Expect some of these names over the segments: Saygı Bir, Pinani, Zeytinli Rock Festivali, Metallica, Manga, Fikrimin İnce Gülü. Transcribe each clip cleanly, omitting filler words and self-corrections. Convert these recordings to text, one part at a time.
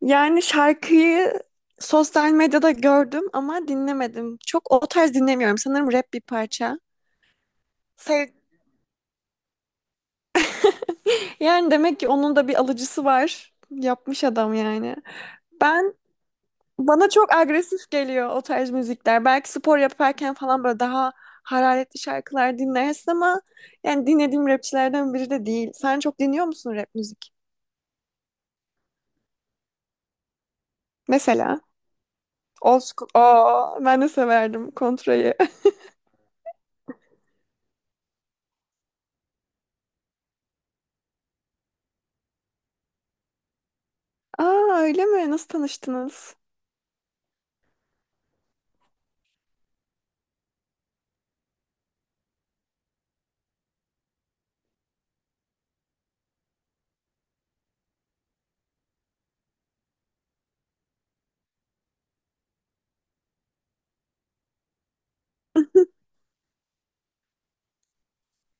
Yani şarkıyı sosyal medyada gördüm ama dinlemedim. Çok o tarz dinlemiyorum. Sanırım rap bir parça. Sev- Yani demek ki onun da bir alıcısı var. Yapmış adam yani. Ben bana çok agresif geliyor o tarz müzikler. Belki spor yaparken falan böyle daha hararetli şarkılar dinlersin ama yani dinlediğim rapçilerden biri de değil. Sen çok dinliyor musun rap müzik? Mesela Old School. Aa, ben de severdim Kontra'yı. Aa öyle mi? Nasıl tanıştınız?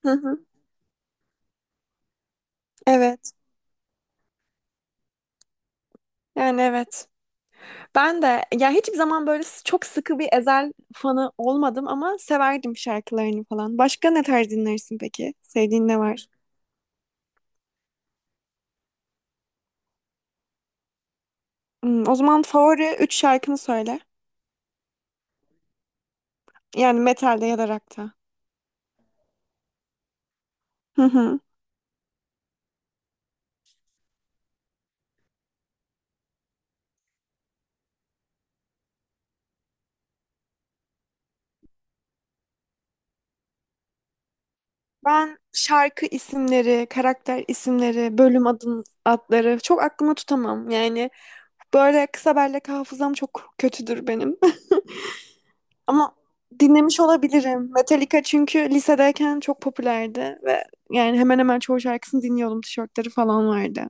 Hı hı. Evet. Yani evet. Ben de ya hiçbir zaman böyle s- çok sıkı bir Ezel fanı olmadım ama severdim şarkılarını falan. Başka ne tarz dinlersin peki? Sevdiğin ne var? Hmm, o zaman favori 3 şarkını söyle. Yani metalde ya da rock'ta. Hı hı. Ben şarkı isimleri, karakter isimleri, bölüm adları çok aklıma tutamam. Yani böyle kısa bellek hafızam çok kötüdür benim. Ama dinlemiş olabilirim. Metallica çünkü lisedeyken çok popülerdi ve yani hemen hemen çoğu şarkısını dinliyordum. Tişörtleri falan vardı.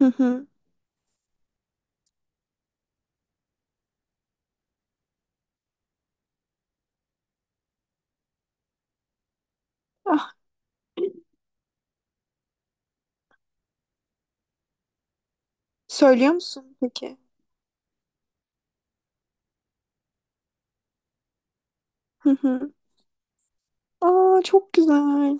Hı hı. Ah, söylüyor musun peki? Hı hı. Aa çok güzel.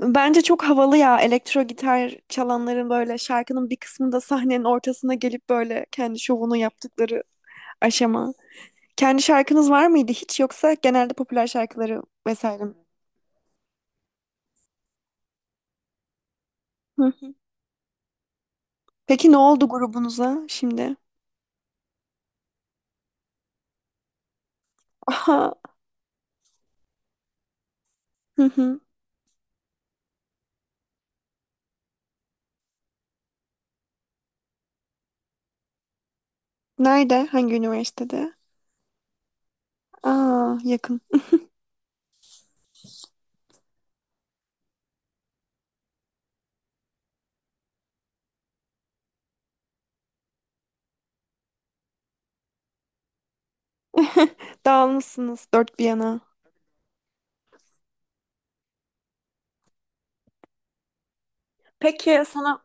Bence çok havalı ya, elektro gitar çalanların böyle şarkının bir kısmında sahnenin ortasına gelip böyle kendi şovunu yaptıkları aşama. Kendi şarkınız var mıydı hiç, yoksa genelde popüler şarkıları vesaire mi? Hı hı. Peki ne oldu grubunuza şimdi? Aha. Hı hı. Nerede? Hangi üniversitede? Aa, yakın. Dağılmışsınız dört bir yana. Peki sana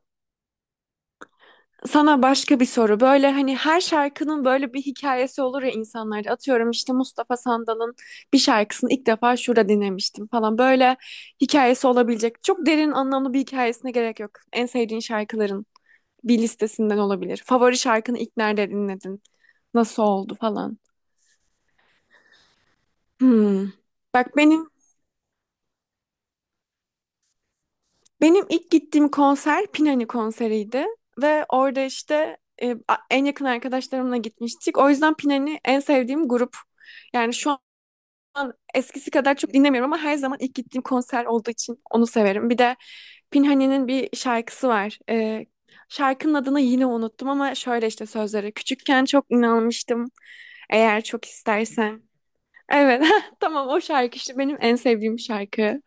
sana başka bir soru. Böyle hani her şarkının böyle bir hikayesi olur ya insanlarda. Atıyorum, işte Mustafa Sandal'ın bir şarkısını ilk defa şurada dinlemiştim falan. Böyle hikayesi olabilecek. Çok derin anlamlı bir hikayesine gerek yok. En sevdiğin şarkıların bir listesinden olabilir. Favori şarkını ilk nerede dinledin? Nasıl oldu falan. Hmm. Bak, benim ilk gittiğim konser Pinani konseriydi ve orada işte a- en yakın arkadaşlarımla gitmiştik. O yüzden Pinani en sevdiğim grup. Yani şu an eskisi kadar çok dinlemiyorum ama her zaman ilk gittiğim konser olduğu için onu severim. Bir de Pinhani'nin bir şarkısı var. Şarkının adını yine unuttum ama şöyle işte sözleri. Küçükken çok inanmıştım. Eğer çok istersen. Evet, tamam, o şarkı işte benim en sevdiğim şarkı.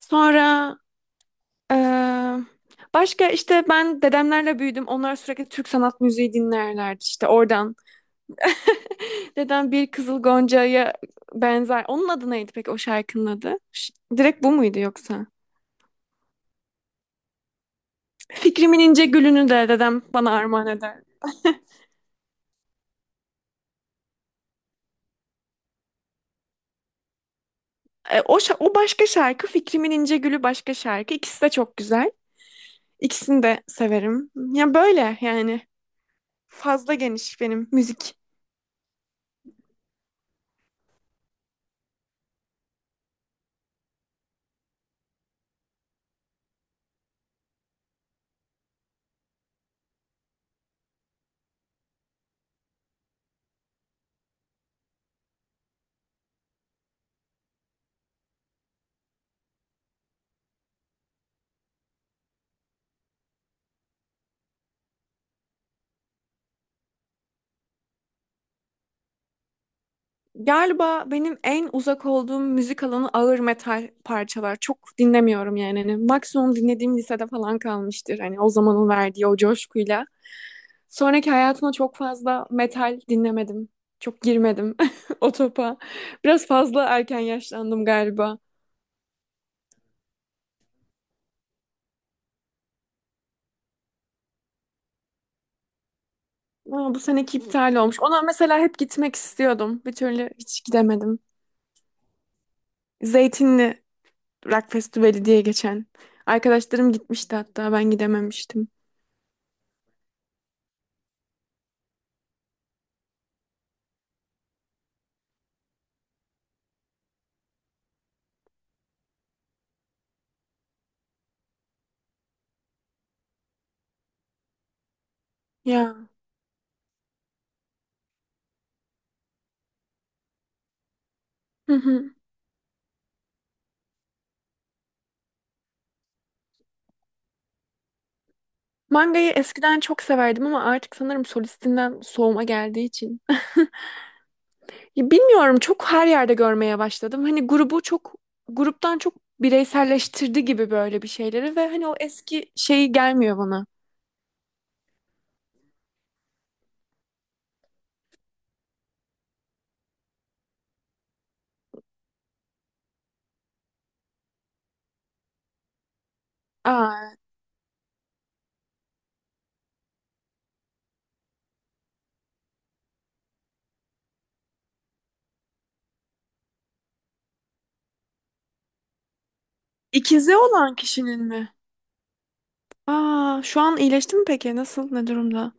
Sonra Ee, başka işte, ben dedemlerle büyüdüm. Onlar sürekli Türk sanat müziği dinlerlerdi, işte oradan. Dedem bir Kızıl Gonca'ya benzer. Onun adı neydi peki, o şarkının adı? Ş- direkt bu muydu yoksa? Fikrimin İnce Gülü'nü de dedem bana armağan eder. E, o, şa- o başka şarkı, Fikrimin İnce Gülü başka şarkı. İkisi de çok güzel. İkisini de severim. Ya böyle yani. Fazla geniş benim müzik. Galiba benim en uzak olduğum müzik alanı ağır metal parçalar. Çok dinlemiyorum yani. Hani maksimum dinlediğim lisede falan kalmıştır. Hani o zamanın verdiği o coşkuyla. Sonraki hayatımda çok fazla metal dinlemedim. Çok girmedim o topa. Biraz fazla erken yaşlandım galiba. Ama bu seneki iptal olmuş. Ona mesela hep gitmek istiyordum. Bir türlü hiç gidemedim. Zeytinli Rock Festivali diye geçen. Arkadaşlarım gitmişti hatta, ben gidememiştim. Ya. Mangayı eskiden çok severdim ama artık sanırım solistinden soğuma geldiği için. Ya bilmiyorum, çok her yerde görmeye başladım. Hani grubu çok, gruptan çok, bireyselleştirdi gibi böyle bir şeyleri ve hani o eski şeyi gelmiyor bana. Aa, ikizi olan kişinin mi? Aa, şu an iyileşti mi peki? Nasıl? Ne durumda?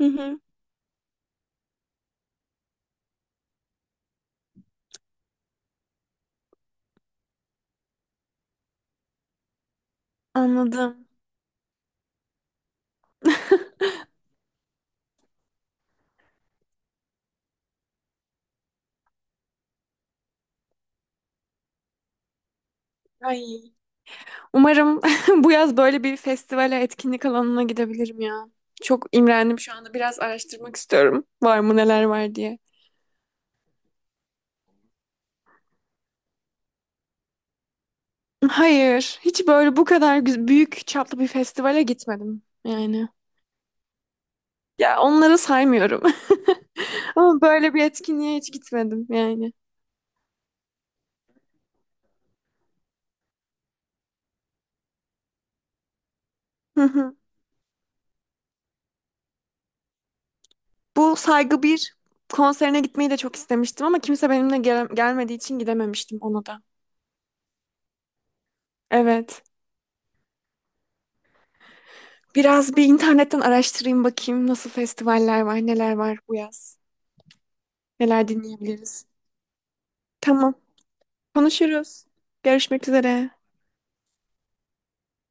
Hı hı. Anladım. Ay. Umarım bu yaz böyle bir festivale, etkinlik alanına gidebilirim ya. Çok imrendim şu anda. Biraz araştırmak istiyorum. Var mı, neler var diye. Hayır, hiç böyle bu kadar güz- büyük çaplı bir festivale gitmedim yani. Ya onları saymıyorum. Ama böyle bir etkinliğe hiç gitmedim yani. Hı hı. Bu Saygı Bir konserine gitmeyi de çok istemiştim ama kimse benimle gel- gelmediği için gidememiştim ona da. Evet. Biraz bir internetten araştırayım, bakayım nasıl festivaller var, neler var bu yaz. Neler dinleyebiliriz? Tamam. Konuşuruz. Görüşmek üzere.